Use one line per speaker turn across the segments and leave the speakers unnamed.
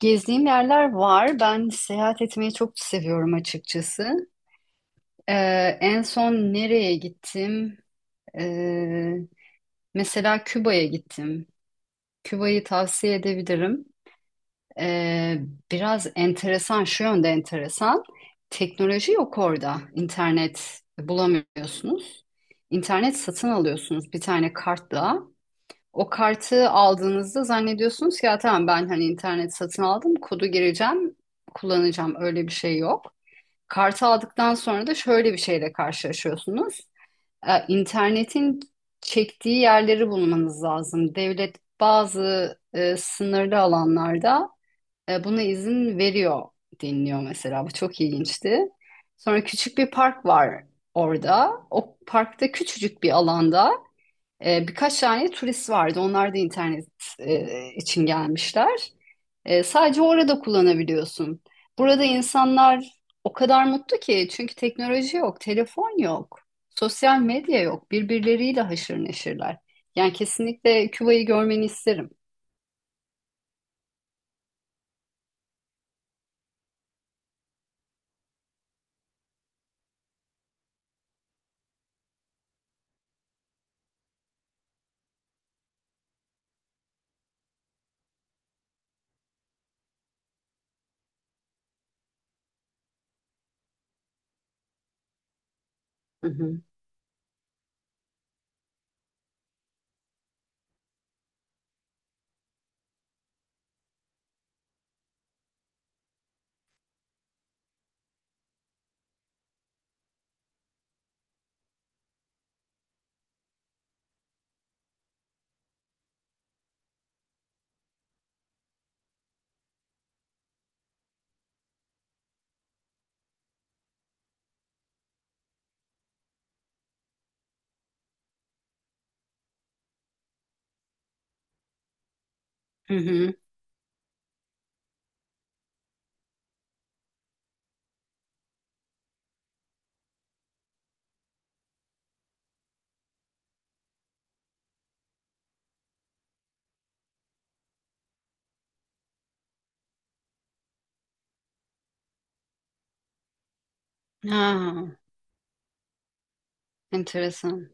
Gezdiğim yerler var. Ben seyahat etmeyi çok seviyorum açıkçası. Ee, En son nereye gittim? Ee, Mesela Küba'ya gittim. Küba'yı tavsiye edebilirim. Ee, Biraz enteresan, şu yönde enteresan. Teknoloji yok orada. İnternet bulamıyorsunuz. İnternet satın alıyorsunuz bir tane kartla. O kartı aldığınızda zannediyorsunuz ki ya tamam ben hani internet satın aldım, kodu gireceğim, kullanacağım. Öyle bir şey yok. Kartı aldıktan sonra da şöyle bir şeyle karşılaşıyorsunuz. İnternetin çektiği yerleri bulmanız lazım. Devlet bazı sınırlı alanlarda buna izin veriyor deniliyor mesela. Bu çok ilginçti. Sonra küçük bir park var orada. O parkta küçücük bir alanda. Birkaç tane turist vardı. Onlar da internet için gelmişler. Sadece orada kullanabiliyorsun. Burada insanlar o kadar mutlu ki çünkü teknoloji yok, telefon yok, sosyal medya yok. Birbirleriyle haşır neşirler. Yani kesinlikle Küba'yı görmeni isterim. Hı hı. Hı hı. Ha, enteresan.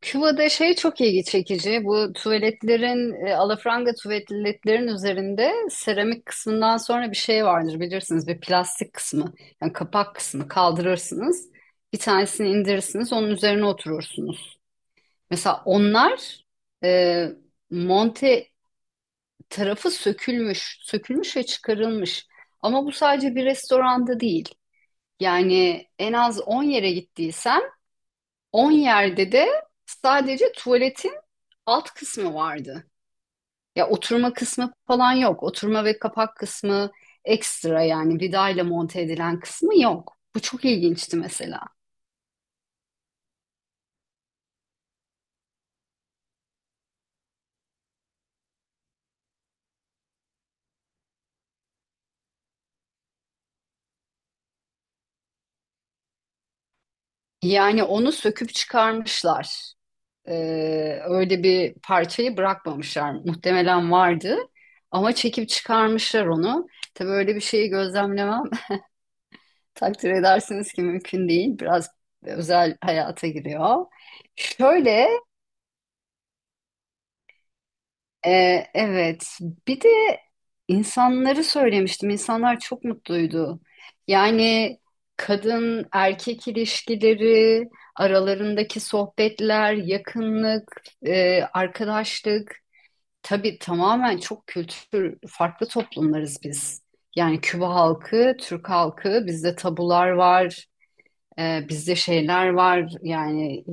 Küba'da şey çok ilgi çekici. Bu tuvaletlerin, alafranga tuvaletlerin üzerinde seramik kısmından sonra bir şey vardır bilirsiniz. Bir plastik kısmı. Yani kapak kısmı kaldırırsınız. Bir tanesini indirirsiniz. Onun üzerine oturursunuz. Mesela onlar e, monte tarafı sökülmüş. Sökülmüş ve çıkarılmış. Ama bu sadece bir restoranda değil. Yani en az 10 yere gittiysen 10 yerde de sadece tuvaletin alt kısmı vardı. Ya oturma kısmı falan yok. Oturma ve kapak kısmı ekstra yani vidayla monte edilen kısmı yok. Bu çok ilginçti mesela. Yani onu söküp çıkarmışlar. Öyle bir parçayı bırakmamışlar. Muhtemelen vardı ama çekip çıkarmışlar onu. Tabii öyle bir şeyi gözlemlemem takdir edersiniz ki mümkün değil. Biraz özel hayata giriyor. Şöyle, evet. Bir de insanları söylemiştim. İnsanlar çok mutluydu. Yani kadın erkek ilişkileri, aralarındaki sohbetler, yakınlık, arkadaşlık. Tabii tamamen çok kültür, farklı toplumlarız biz. Yani Küba halkı, Türk halkı, bizde tabular var. Bizde şeyler var yani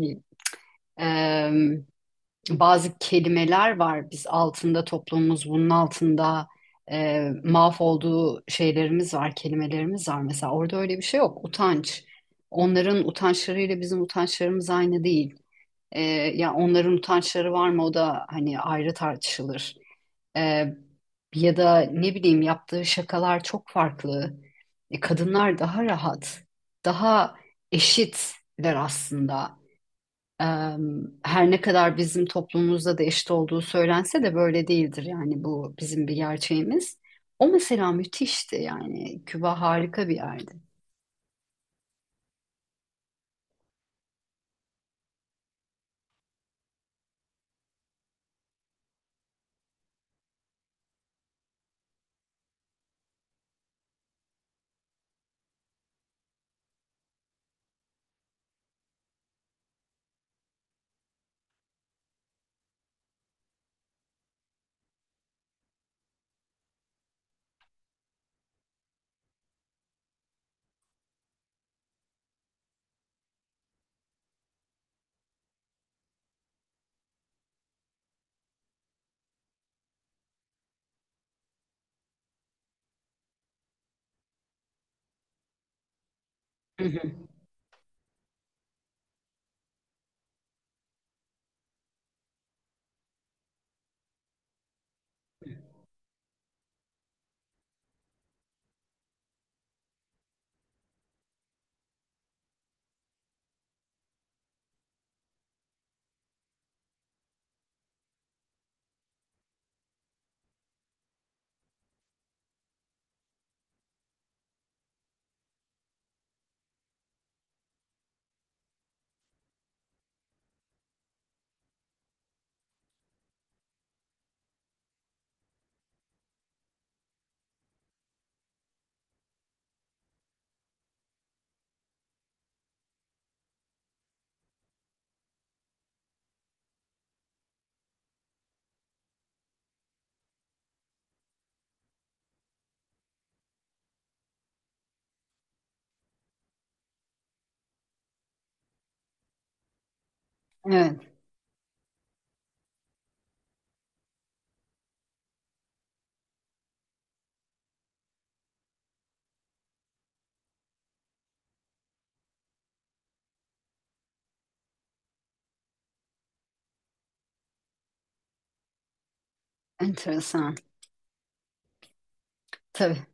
em, bazı kelimeler var. Biz altında toplumumuz bunun altında mahvolduğu şeylerimiz var, kelimelerimiz var. Mesela orada öyle bir şey yok. Utanç. Onların utançlarıyla bizim utançlarımız aynı değil. Ee, Ya onların utançları var mı o da hani ayrı tartışılır. Ee, Ya da ne bileyim yaptığı şakalar çok farklı. Kadınlar daha rahat, daha eşitler aslında. Ee, Her ne kadar bizim toplumumuzda da eşit olduğu söylense de böyle değildir yani bu bizim bir gerçeğimiz. O mesela müthişti yani Küba harika bir yerdi. Hı hı. Evet, enteresan. Tabii.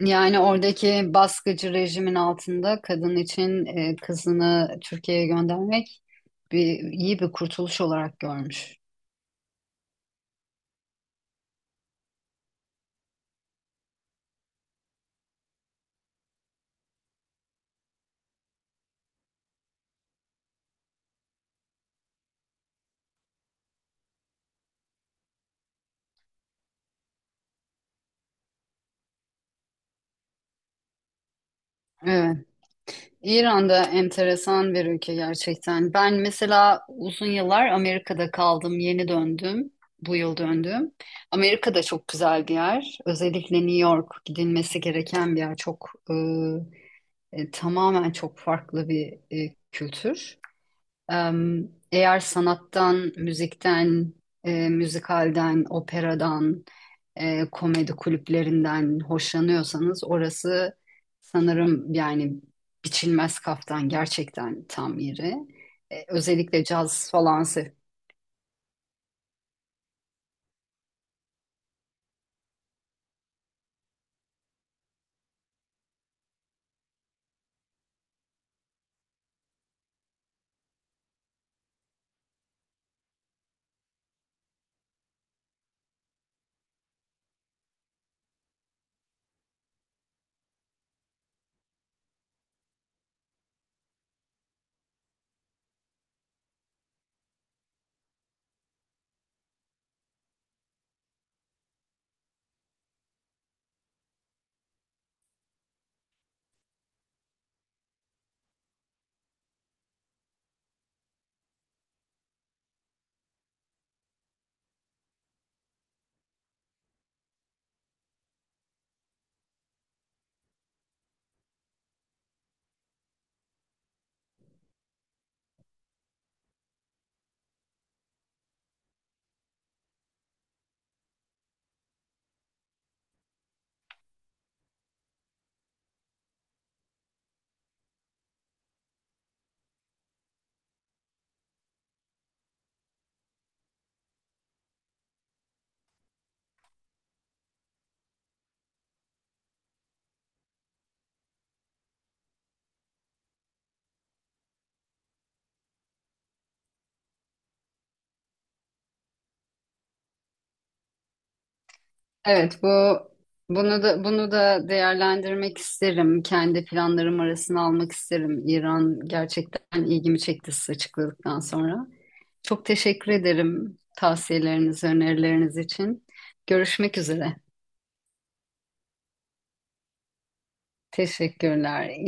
Yani oradaki baskıcı rejimin altında kadın için kızını Türkiye'ye göndermek iyi bir kurtuluş olarak görmüş. Evet, İran da enteresan bir ülke gerçekten. Ben mesela uzun yıllar Amerika'da kaldım, yeni döndüm, bu yıl döndüm. Amerika'da çok güzel bir yer. Özellikle New York gidilmesi gereken bir yer. Çok tamamen çok farklı bir kültür. Eğer sanattan, müzikten, müzikalden, operadan, komedi kulüplerinden hoşlanıyorsanız orası sanırım yani biçilmez kaftan gerçekten tam yeri. Özellikle caz falan. Evet, bunu da değerlendirmek isterim. Kendi planlarım arasına almak isterim. İran gerçekten ilgimi çekti siz açıkladıktan sonra. Çok teşekkür ederim tavsiyeleriniz, önerileriniz için. Görüşmek üzere. Teşekkürler.